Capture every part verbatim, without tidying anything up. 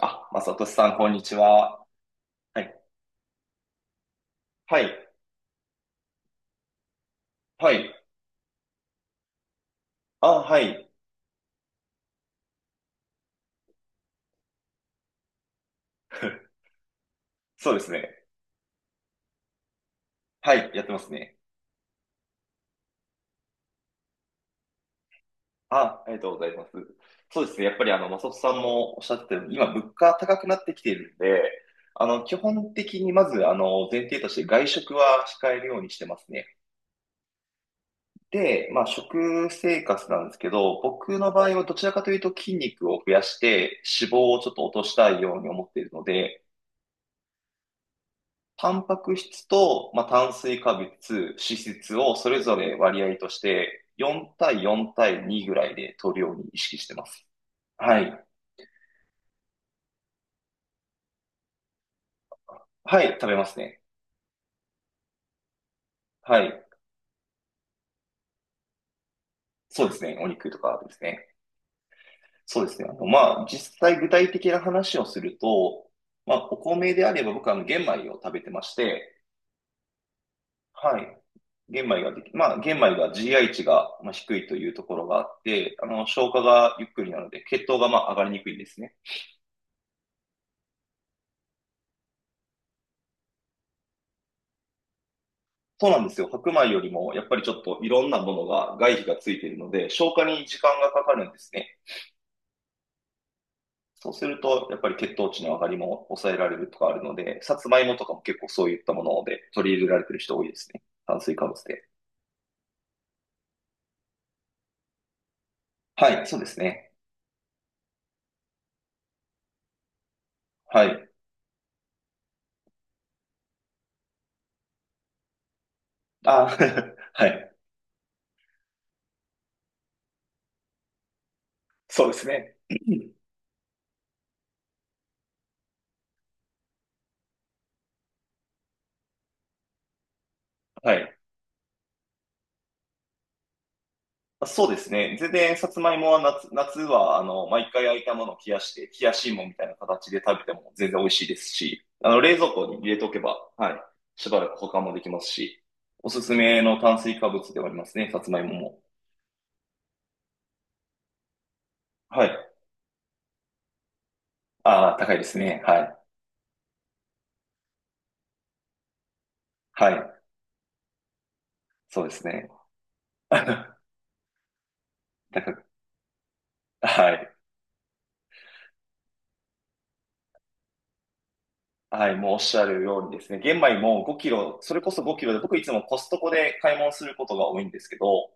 あ、まさとしさん、こんにちは。はい。はい。はい。あ、はい。そうですね。はい。やってますね。あ、ありがとうございます。そうですね。やっぱり、あの、まさとしさんもおっしゃってたように、今、物価高くなってきているんで、あの、基本的にまず、あの、前提として外食は控えるようにしてますね。で、まあ、食生活なんですけど、僕の場合はどちらかというと筋肉を増やして、脂肪をちょっと落としたいように思っているので、タンパク質と、まあ、炭水化物、脂質をそれぞれ割合としてよん対よん対にぐらいで取るように意識してます。はい。はい、食べますね。はい。そうですね。お肉とかですね。そうですね。あの、まあ、実際具体的な話をすると、まあ、お米であれば僕はあの玄米を食べてまして、はい。玄米ができ、まあ、玄米が ジーアイ 値がまあ低いというところがあって、あの、消化がゆっくりなので、血糖がまあ上がりにくいんですね。そうなんですよ。白米よりも、やっぱりちょっといろんなものが、外皮がついているので、消化に時間がかかるんですね。そうすると、やっぱり血糖値の上がりも抑えられるとかあるので、さつまいもとかも結構そういったもので取り入れられてる人多いですね。炭水化物で。はい、そうですね。はい。あ、はい。そうですね。はい。あそうですね。全然、さつまいもは夏、夏は、あの、毎回焼いたものを冷やして、冷やし芋みたいな形で食べても全然美味しいですし、あの、冷蔵庫に入れておけば、はい、しばらく保管もできますし、おすすめの炭水化物ではありますね、さつまいもも。はい。ああ、高いですね。はい。はい。そうですね。高く、はい。はい、もうおっしゃるようにですね、玄米もごキロ、それこそごキロで、僕いつもコストコで買い物することが多いんですけど、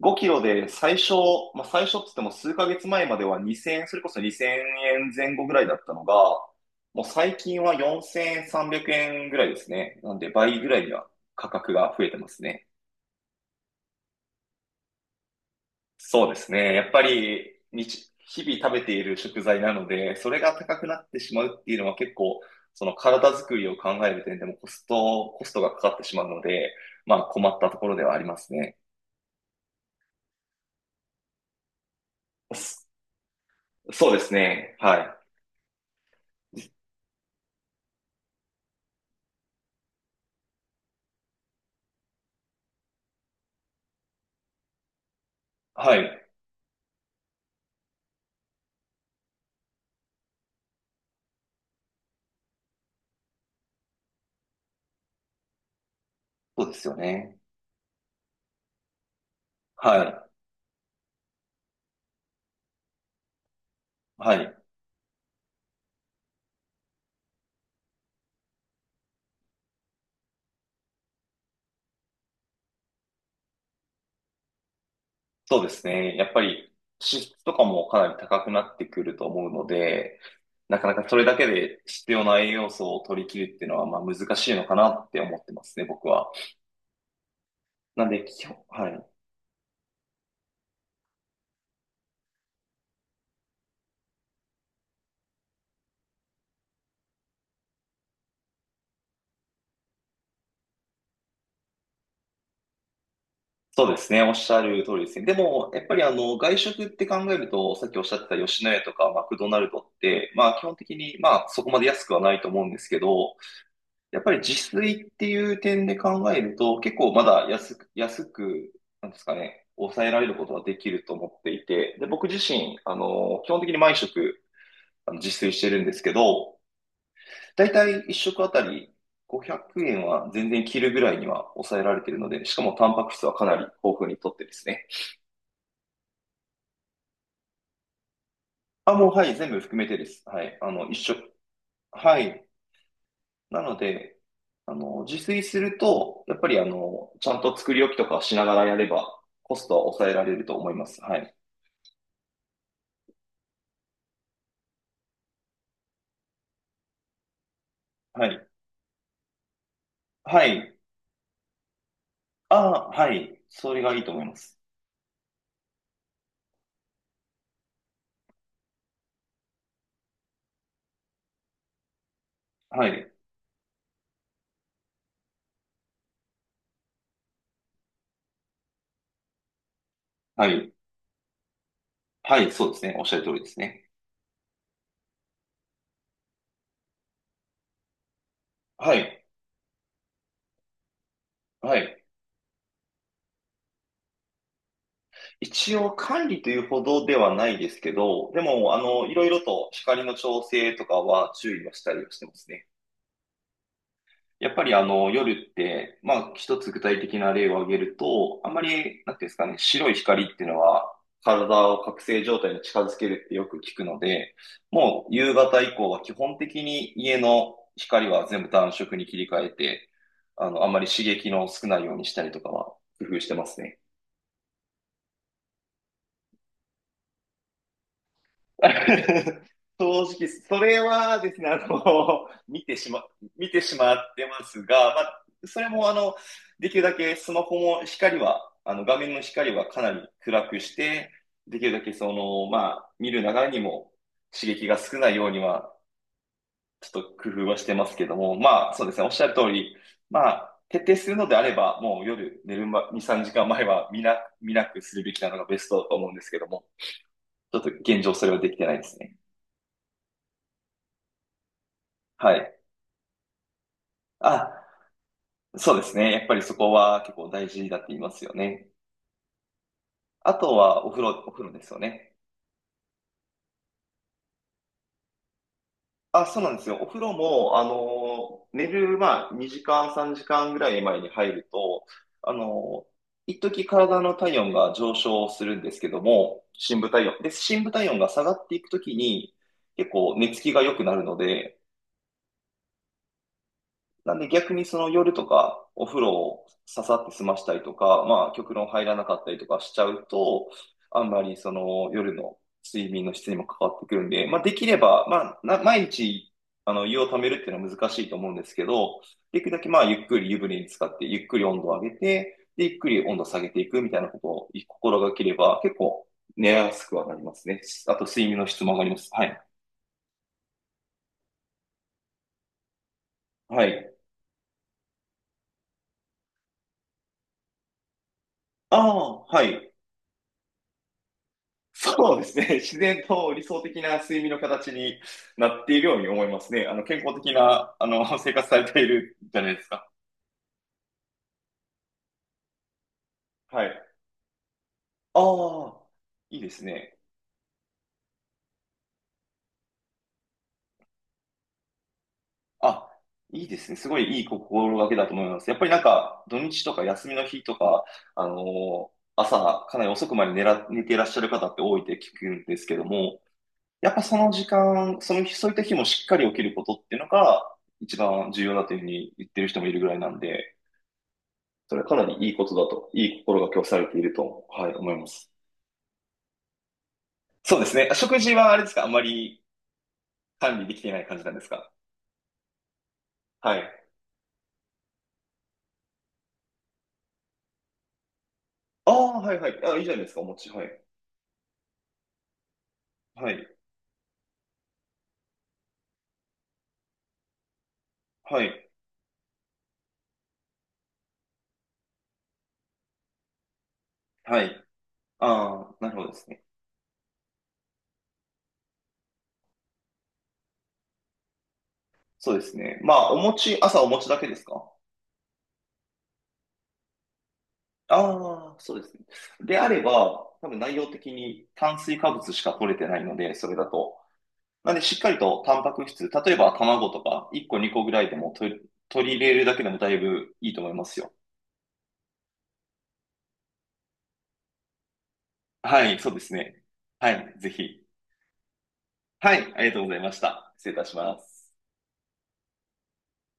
ごキロで最初、まあ、最初っつっても数ヶ月前まではにせんえん、それこそにせんえんぜん後ぐらいだったのが、もう最近はよんせんさんびゃくえんぐらいですね。なんで倍ぐらいには価格が増えてますね。そうですね。やっぱり日、日々食べている食材なので、それが高くなってしまうっていうのは結構、その体作りを考える点でもコスト、コストがかかってしまうので、まあ困ったところではありますね。そそうですね。はい。はい。そうですよね。はい。はい。そうですね。やっぱり支出とかもかなり高くなってくると思うので、なかなかそれだけで必要な栄養素を取り切るっていうのは、まあ難しいのかなって思ってますね、僕は。なんで、基本、はい。そうですね。おっしゃる通りですね。でも、やっぱりあの、外食って考えると、さっきおっしゃってた吉野家とかマクドナルドって、まあ基本的に、まあそこまで安くはないと思うんですけど、やっぱり自炊っていう点で考えると、結構まだ安く、安く、なんですかね、抑えられることはできると思っていて、で、僕自身、あの、基本的に毎食、あの自炊してるんですけど、だいたいいっ食あたりごひゃくえんは全然切るぐらいには抑えられているので、しかもタンパク質はかなり豊富にとってですね。あ、もうはい、全部含めてです。はい、あの、いっ食、はい、なので、あの、自炊すると、やっぱりあの、ちゃんと作り置きとかしながらやれば、コストは抑えられると思います。はい。はい。はい。ああ、はい。それがいいと思います。はい。はい。はい。そうですね。おっしゃる通りですね。はい。はい。一応管理というほどではないですけど、でも、あの、いろいろと光の調整とかは注意はしたりはしてますね。やっぱりあの夜って、まあ一つ具体的な例を挙げると、あんまり、なんていうんですかね、白い光っていうのは体を覚醒状態に近づけるってよく聞くので、もう夕方以降は基本的に家の光は全部暖色に切り替えて、あの、あんまり刺激の少ないようにしたりとかは工夫してますね。正直、それはですね、あの、見てしま、見てしまってますが、まあ、それもあの、できるだけスマホも光は、あの、画面の光はかなり暗くして、できるだけその、まあ、見る流れにも刺激が少ないようには、ちょっと工夫はしてますけども、まあ、そうですね、おっしゃる通り、まあ、徹底するのであれば、もう夜寝るまに、さんじかんまえは見な、見なくするべきなのがベストだと思うんですけども、ちょっと現状それはできてないですね。はい。あ、そうですね。やっぱりそこは結構大事だって言いますよね。あとはお風呂、お風呂ですよね。あ、そうなんですよ。お風呂も、あの、寝る、まあ、にじかん、さんじかんぐらい前に入ると、あの、一時体の体温が上昇するんですけども、深部体温。で、深部体温が下がっていくときに、結構寝つきが良くなるので、なんで逆にその夜とかお風呂をささって済ましたりとか、まあ極論入らなかったりとかしちゃうと、あんまりその夜の睡眠の質にも関わってくるんで、まあできれば、まあな毎日あの湯をためるっていうのは難しいと思うんですけど、できるだけまあゆっくり湯船に浸かって、ゆっくり温度を上げて、で、ゆっくり温度を下げていくみたいなことを心がければ結構寝やすくはなりますね。あと睡眠の質も上がります。はい。はい。ああ、はい。そうですね。自然と理想的な睡眠の形になっているように思いますね。あの、健康的な、あの、生活されているじゃないですか。はい。ああ、いいですね。あ、いいですね。すごいいい心がけだと思います。やっぱりなんか、土日とか休みの日とか、あのー朝、かなり遅くまで寝ら、寝ていらっしゃる方って多いって聞くんですけども、やっぱその時間、その日、そういった日もしっかり起きることっていうのが、一番重要だというふうに言ってる人もいるぐらいなんで、それはかなりいいことだと、いい心がけをされていると、はい、思います。そうですね。食事はあれですか？あんまり管理できていない感じなんですか？はい。ああ、はいはい。あ、いいじゃないですか、お餅。はい。はい。はい。はい。ああ、なるほどですね。そうですね。まあ、お餅、朝お餅だけですか？ああ、そうですね。であれば、多分内容的に炭水化物しか取れてないので、それだと。なんで、しっかりとタンパク質、例えば卵とかいっこにこぐらいでも取り、取り入れるだけでもだいぶいいと思いますよ。はい、そうですね。はい、ぜひ。はい、ありがとうございました。失礼いたします。